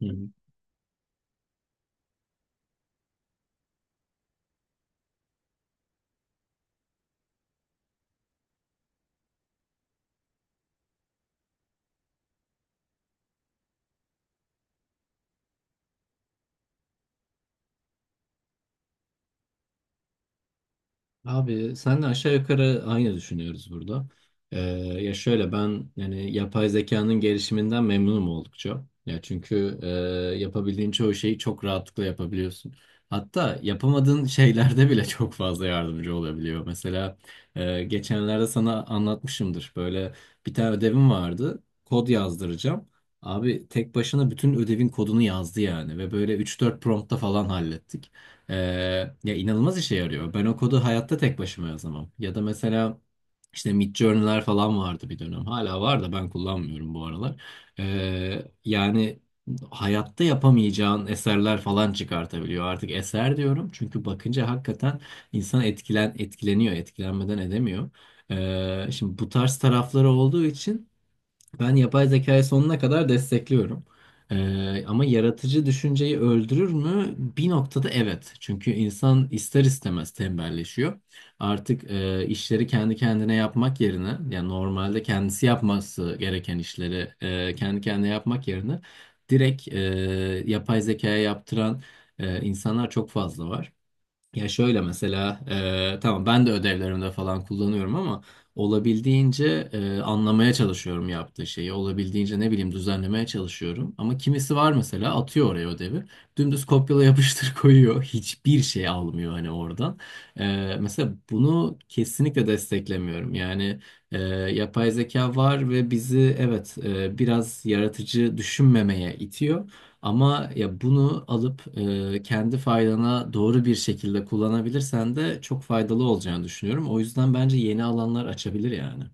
Hı hı. Abi senle aşağı yukarı aynı düşünüyoruz burada. Ee, Ya şöyle ben yani yapay zekanın gelişiminden memnunum oldukça. Ya çünkü yapabildiğin çoğu şeyi çok rahatlıkla yapabiliyorsun. Hatta yapamadığın şeylerde bile çok fazla yardımcı olabiliyor. Mesela geçenlerde sana anlatmışımdır. Böyle bir tane ödevim vardı. Kod yazdıracağım. Abi tek başına bütün ödevin kodunu yazdı yani ve böyle üç dört promptta falan hallettik. Ee, Ya inanılmaz işe yarıyor. Ben o kodu hayatta tek başıma yazamam. Ya da mesela işte Midjourney'ler falan vardı bir dönem. Hala var da ben kullanmıyorum bu aralar. Yani hayatta yapamayacağın eserler falan çıkartabiliyor. Artık eser diyorum çünkü bakınca hakikaten insan etkileniyor, etkilenmeden edemiyor. Şimdi bu tarz tarafları olduğu için. Ben yapay zekayı sonuna kadar destekliyorum. Ama yaratıcı düşünceyi öldürür mü? Bir noktada evet. Çünkü insan ister istemez tembelleşiyor. Artık işleri kendi kendine yapmak yerine, yani normalde kendisi yapması gereken işleri kendi kendine yapmak yerine direkt yapay zekaya yaptıran insanlar çok fazla var. Ya şöyle mesela tamam ben de ödevlerimde falan kullanıyorum ama olabildiğince anlamaya çalışıyorum yaptığı şeyi. Olabildiğince ne bileyim düzenlemeye çalışıyorum. Ama kimisi var mesela atıyor oraya ödevi. Dümdüz kopyala yapıştır koyuyor. Hiçbir şey almıyor hani oradan. Mesela bunu kesinlikle desteklemiyorum. Yani e, yapay zeka var ve bizi evet, biraz yaratıcı düşünmemeye itiyor. Ama ya bunu alıp kendi faydana doğru bir şekilde kullanabilirsen de çok faydalı olacağını düşünüyorum. O yüzden bence yeni alanlar açabilir yani.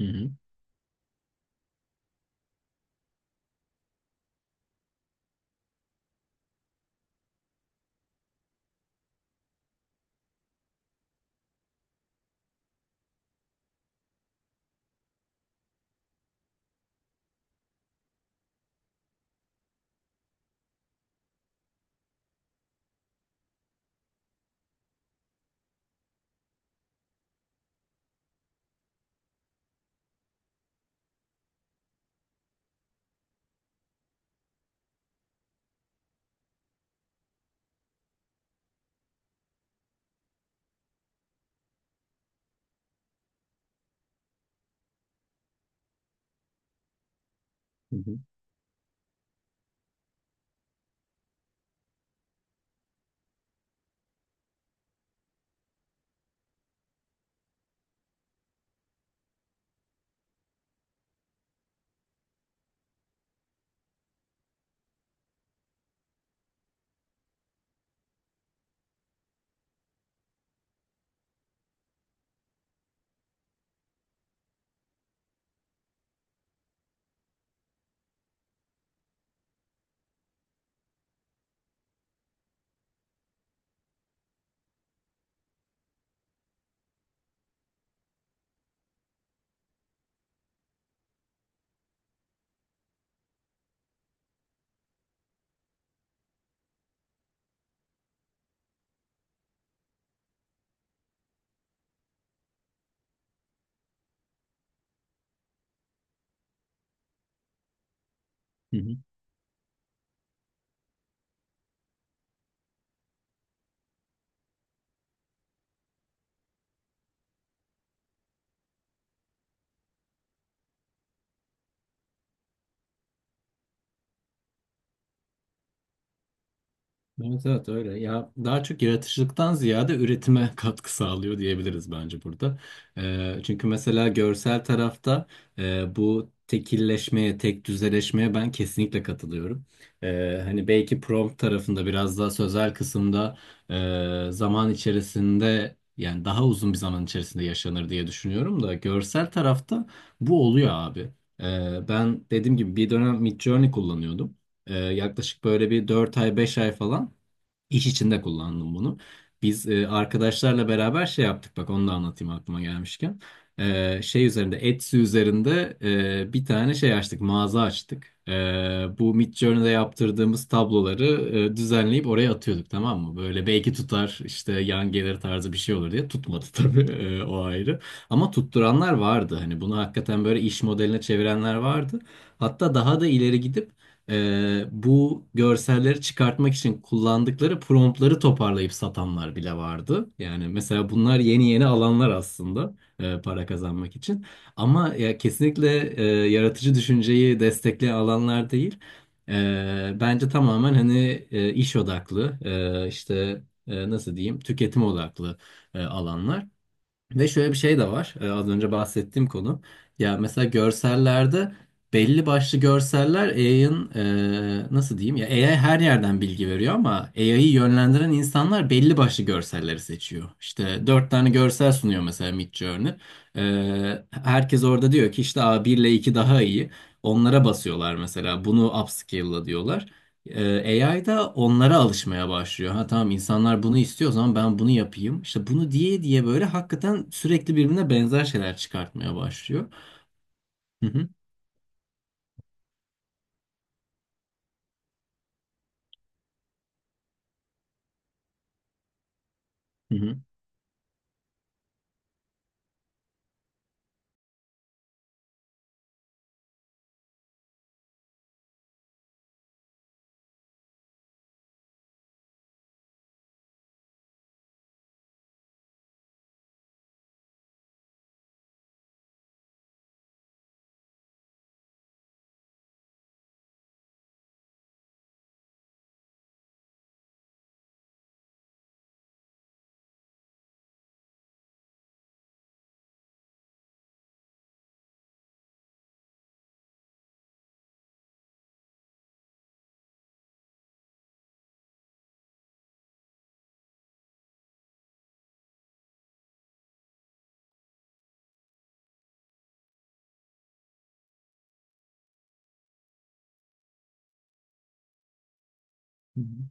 Hı hı. Hı hı. Hı hı. Evet, evet, öyle. Ya daha çok yaratıcılıktan ziyade üretime katkı sağlıyor diyebiliriz bence burada. Çünkü mesela görsel tarafta bu tekilleşmeye, tek düzeleşmeye ben kesinlikle katılıyorum. Hani belki prompt tarafında biraz daha sözel kısımda zaman içerisinde yani daha uzun bir zaman içerisinde yaşanır diye düşünüyorum da görsel tarafta bu oluyor abi. Ben dediğim gibi bir dönem Midjourney kullanıyordum. Yaklaşık böyle bir 4 ay 5 ay falan. İş içinde kullandım bunu. Biz arkadaşlarla beraber şey yaptık, bak onu da anlatayım aklıma gelmişken. Şey üzerinde, Etsy üzerinde bir tane şey açtık, mağaza açtık. Bu Midjourney'de yaptırdığımız tabloları düzenleyip oraya atıyorduk, tamam mı? Böyle belki tutar işte yan gelir tarzı bir şey olur diye, tutmadı tabii, o ayrı. Ama tutturanlar vardı, hani bunu hakikaten böyle iş modeline çevirenler vardı. Hatta daha da ileri gidip bu görselleri çıkartmak için kullandıkları promptları toparlayıp satanlar bile vardı. Yani mesela bunlar yeni yeni alanlar aslında, para kazanmak için. Ama ya kesinlikle, yaratıcı düşünceyi destekleyen alanlar değil. Bence tamamen hani, iş odaklı, işte nasıl diyeyim, tüketim odaklı alanlar. Ve şöyle bir şey de var. Az önce bahsettiğim konu. Ya mesela görsellerde belli başlı görseller AI'ın, nasıl diyeyim, ya AI her yerden bilgi veriyor ama AI'yi yönlendiren insanlar belli başlı görselleri seçiyor. İşte dört tane görsel sunuyor mesela Midjourney. Herkes orada diyor ki işte A1 ile 2 daha iyi. Onlara basıyorlar mesela. Bunu upscale'la diyorlar. AI da onlara alışmaya başlıyor. Ha tamam, insanlar bunu istiyor, o zaman ben bunu yapayım. İşte bunu diye diye böyle hakikaten sürekli birbirine benzer şeyler çıkartmaya başlıyor. Hı hı, hı hı, hı hı,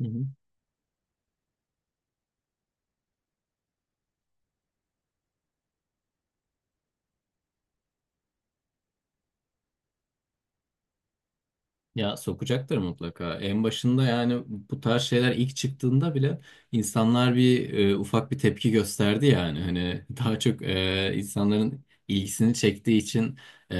hı hı. Ya sokacaktır mutlaka. En başında yani bu tarz şeyler ilk çıktığında bile insanlar ufak bir tepki gösterdi yani. Hani daha çok, insanların ilgisini çektiği için e,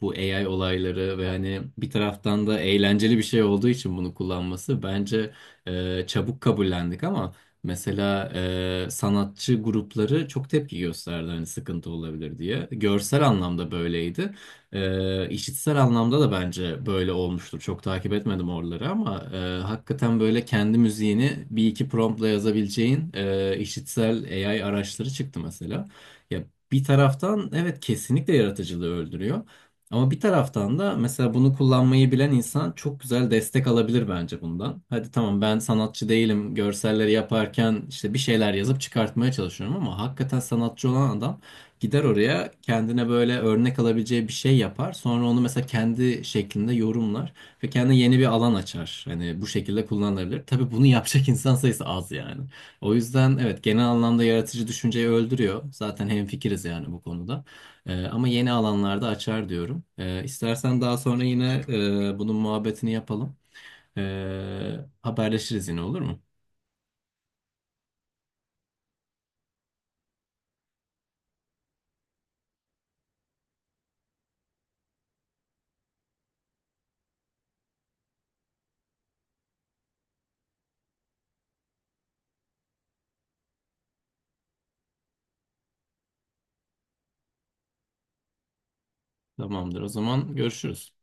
bu AI olayları ve hani bir taraftan da eğlenceli bir şey olduğu için bunu kullanması bence çabuk kabullendik ama mesela sanatçı grupları çok tepki gösterdi hani sıkıntı olabilir diye. Görsel anlamda böyleydi. İşitsel anlamda da bence böyle olmuştur. Çok takip etmedim oraları ama hakikaten böyle kendi müziğini bir iki promptla yazabileceğin işitsel AI araçları çıktı mesela. Ya bir taraftan evet kesinlikle yaratıcılığı öldürüyor. Ama bir taraftan da mesela bunu kullanmayı bilen insan çok güzel destek alabilir bence bundan. Hadi tamam, ben sanatçı değilim, görselleri yaparken işte bir şeyler yazıp çıkartmaya çalışıyorum ama hakikaten sanatçı olan adam gider oraya kendine böyle örnek alabileceği bir şey yapar. Sonra onu mesela kendi şeklinde yorumlar ve kendine yeni bir alan açar. Hani bu şekilde kullanılabilir. Tabii bunu yapacak insan sayısı az yani. O yüzden evet, genel anlamda yaratıcı düşünceyi öldürüyor. Zaten hemfikiriz yani bu konuda. Ama yeni alanlarda açar diyorum. İstersen daha sonra yine bunun muhabbetini yapalım. Haberleşiriz yine, olur mu? Tamamdır. O zaman görüşürüz.